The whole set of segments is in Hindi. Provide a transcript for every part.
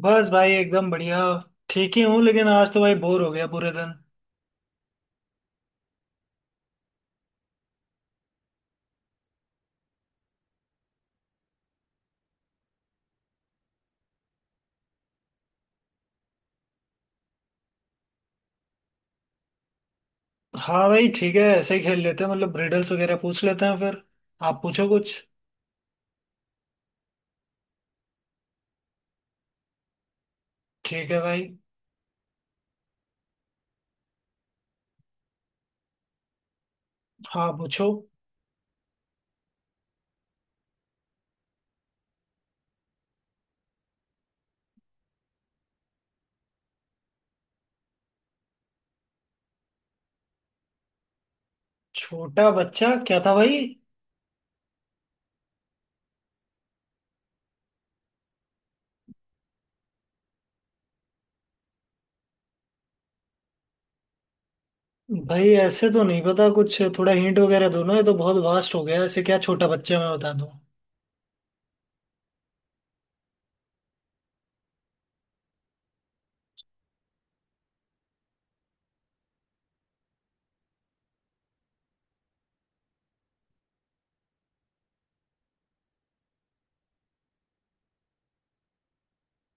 बस भाई एकदम बढ़िया। ठीक ही हूँ, लेकिन आज तो भाई बोर हो गया पूरे दिन। हाँ भाई, ठीक है, ऐसे ही खेल लेते हैं, मतलब रिडल्स वगैरह पूछ लेते हैं फिर। आप पूछो कुछ। ठीक है भाई। हाँ, पूछो। छोटा बच्चा क्या था भाई? भाई ऐसे तो नहीं पता कुछ, थोड़ा हिंट वगैरह दो ना, ये तो बहुत वास्ट हो गया, ऐसे क्या छोटा बच्चा मैं बता दूँ।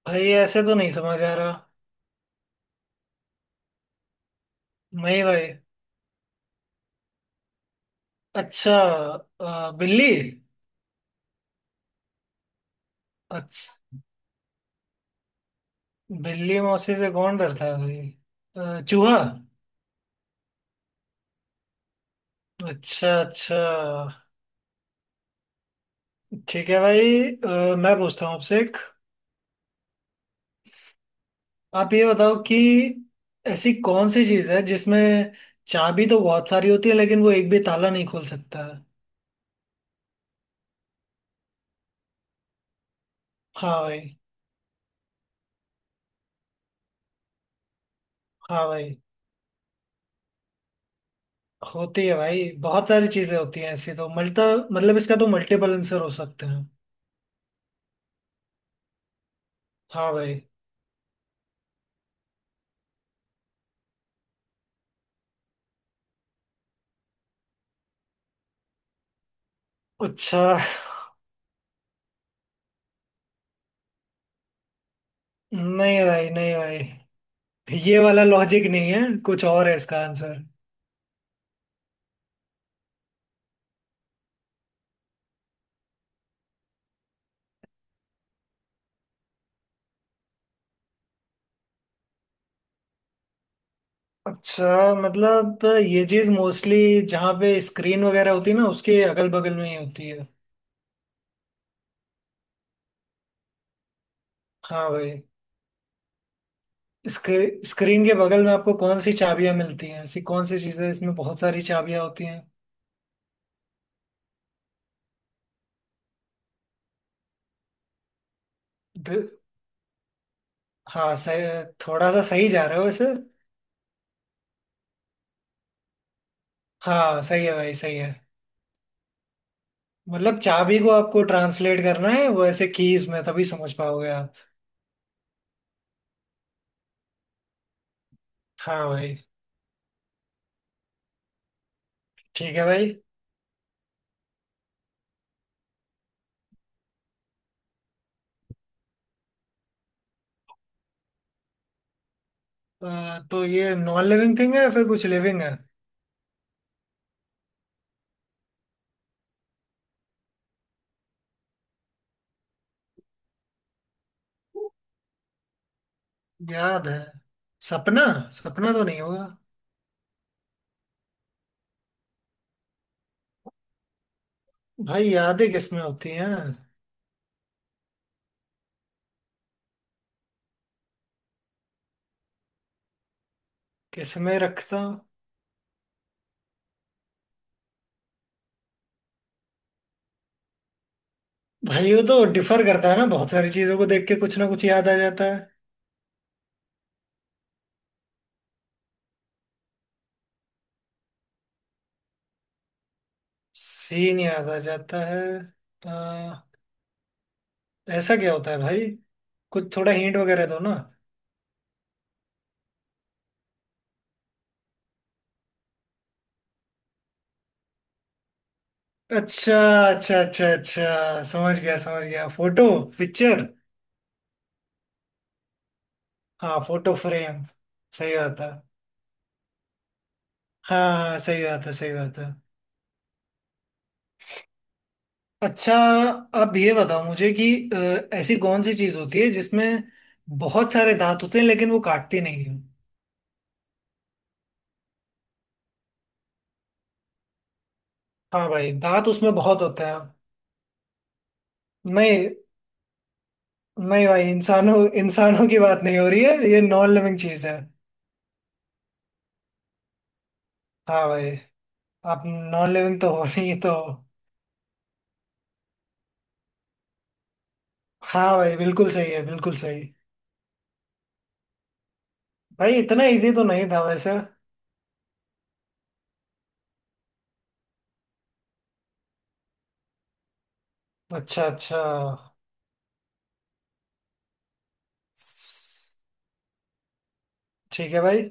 भाई ऐसे तो नहीं समझ आ रहा। नहीं भाई। अच्छा। बिल्ली। अच्छा, बिल्ली मौसी से कौन डरता है भाई? चूहा। अच्छा अच्छा। ठीक है भाई, मैं पूछता हूँ आपसे एक। आप ये बताओ कि ऐसी कौन सी चीज़ है जिसमें चाबी तो बहुत सारी होती है लेकिन वो एक भी ताला नहीं खोल सकता है। हाँ भाई। हाँ भाई। होती है भाई, बहुत सारी चीज़ें होती हैं ऐसी तो मल्टा, मतलब इसका तो मल्टीपल आंसर हो सकते हैं। हाँ भाई। अच्छा। नहीं भाई, नहीं भाई, ये वाला लॉजिक नहीं है, कुछ और है इसका आंसर। अच्छा, मतलब ये चीज मोस्टली जहाँ पे स्क्रीन वगैरह होती है ना, उसके अगल बगल में ही होती है। हाँ भाई। स्क्रीन के बगल में आपको कौन सी चाबियां मिलती हैं, ऐसी कौन सी चीजें, इसमें बहुत सारी चाबियां होती हैं। द, हाँ सही। थोड़ा सा सही जा रहे हो वैसे। हाँ सही है भाई, सही है। मतलब चाबी को आपको ट्रांसलेट करना है, वो ऐसे कीज में तभी समझ पाओगे आप। हाँ भाई। ठीक है भाई, तो ये नॉन लिविंग थिंग है या फिर कुछ लिविंग है? याद है। सपना। सपना तो नहीं होगा। भाई यादें किसमें होती हैं? किसमें रखता। भाई वो तो डिफर करता है ना, बहुत सारी चीजों को देख के कुछ ना कुछ याद आ जाता है। सीन याद आ जाता है। आ, ऐसा क्या होता है भाई? कुछ थोड़ा हिंट वगैरह दो ना। अच्छा। अच्छा अच्छा अच्छा, समझ गया समझ गया, फोटो। पिक्चर। हाँ फोटो फ्रेम। सही बात है। हाँ हाँ, सही बात है, सही बात है। अच्छा, अब ये बताओ मुझे कि ऐसी कौन सी चीज होती है जिसमें बहुत सारे दांत होते हैं लेकिन वो काटती नहीं है। हाँ भाई, दांत उसमें बहुत होते हैं। नहीं। नहीं भाई, इंसानों इंसानों की बात नहीं हो रही है, ये नॉन लिविंग चीज है। हाँ भाई, आप नॉन लिविंग तो हो नहीं तो। हाँ भाई, बिल्कुल सही है, बिल्कुल सही। भाई इतना इजी तो नहीं था वैसे। अच्छा अच्छा। ठीक है भाई।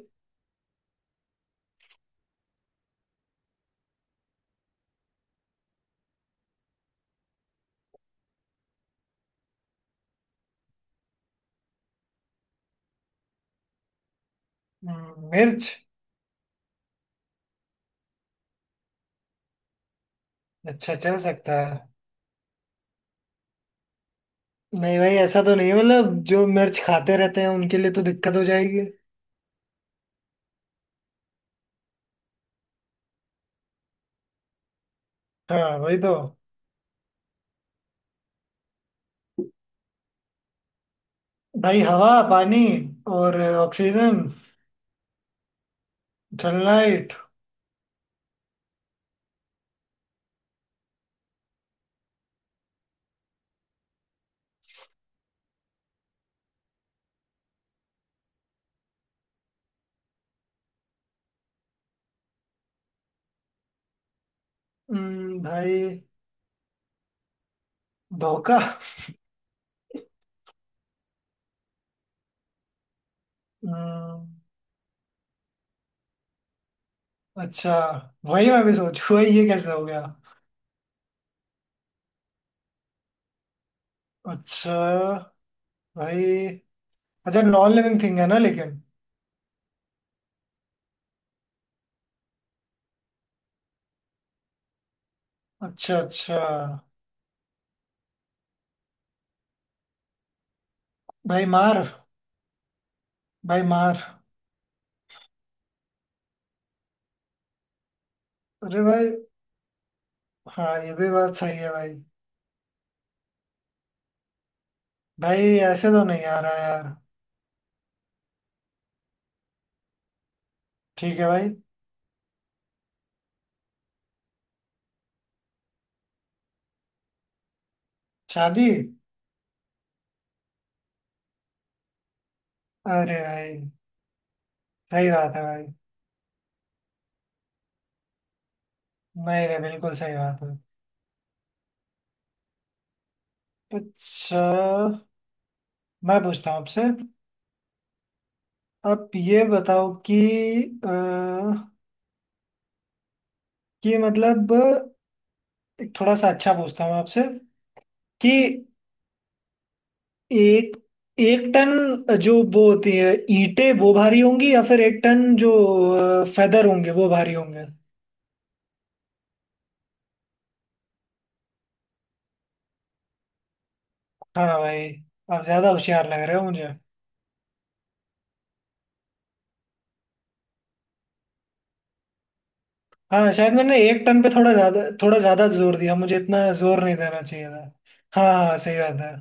मिर्च। अच्छा चल सकता है। नहीं भाई ऐसा तो नहीं है, मतलब जो मिर्च खाते रहते हैं उनके लिए तो दिक्कत हो जाएगी। हाँ वही तो। भाई हवा, पानी, और ऑक्सीजन। सनलाइट। भाई धोखा। हम्म, अच्छा। वही मैं भी सोचू भाई, ये कैसे हो गया। अच्छा। भाई, अच्छा नॉन लिविंग थिंग है ना लेकिन। अच्छा अच्छा। भाई मार। भाई मार। अरे भाई, हाँ ये भी बात सही है भाई। भाई ऐसे तो नहीं आ रहा यार। ठीक है भाई। शादी। अरे भाई। सही बात है भाई। नहीं नहीं, बिल्कुल सही बात है। अच्छा। मैं पूछता हूँ आपसे। आप ये बताओ कि अ, कि मतलब एक थोड़ा सा अच्छा पूछता हूँ आपसे कि एक एक टन जो वो होती है ईंटें, वो भारी होंगी, या फिर एक टन जो फेदर होंगे, वो भारी होंगे? हाँ भाई। आप ज्यादा होशियार लग रहे हो मुझे। हाँ शायद मैंने एक टन पे थोड़ा ज्यादा जोर दिया, मुझे इतना जोर नहीं देना चाहिए था। हाँ हाँ, सही बात है।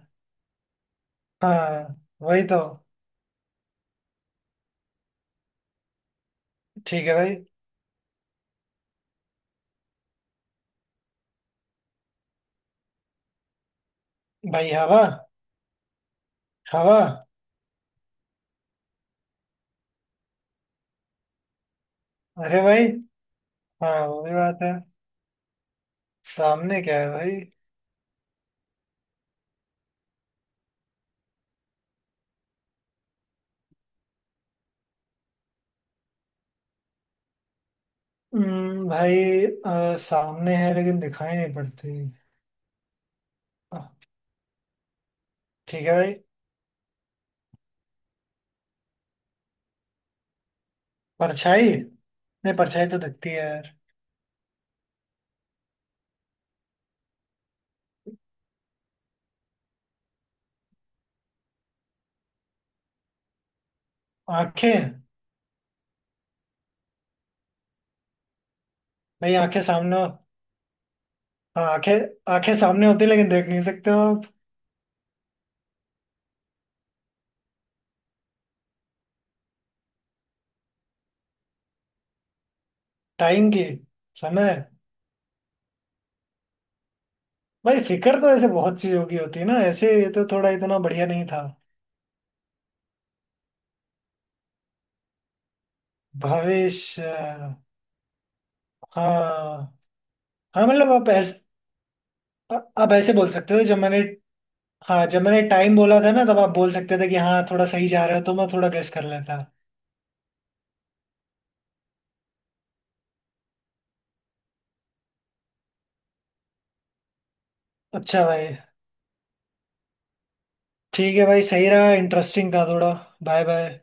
हाँ, वही तो। ठीक है भाई। भाई हवा। हवा। अरे भाई, हाँ वो भी बात है। सामने क्या है भाई? भाई, सामने है लेकिन दिखाई नहीं पड़ती। अ, ठीक है भाई। परछाई। नहीं परछाई तो दिखती है यार। आंखें। भाई आंखें सामने हो- हाँ आंखें। आंखें सामने होती है लेकिन देख नहीं सकते हो आप। टाइम की। समय। भाई फिक्र तो ऐसे बहुत चीजों की होती है ना ऐसे, ये तो थोड़ा इतना बढ़िया नहीं था। भावेश हाँ। हाँ मतलब आप ऐसे बोल सकते थे जब मैंने, हाँ जब मैंने टाइम बोला था ना, तब आप बोल सकते थे कि हाँ थोड़ा सही जा रहा है, तो मैं थोड़ा गेस कर लेता। अच्छा भाई। ठीक है भाई, सही रहा, इंटरेस्टिंग था थोड़ा। Bye bye.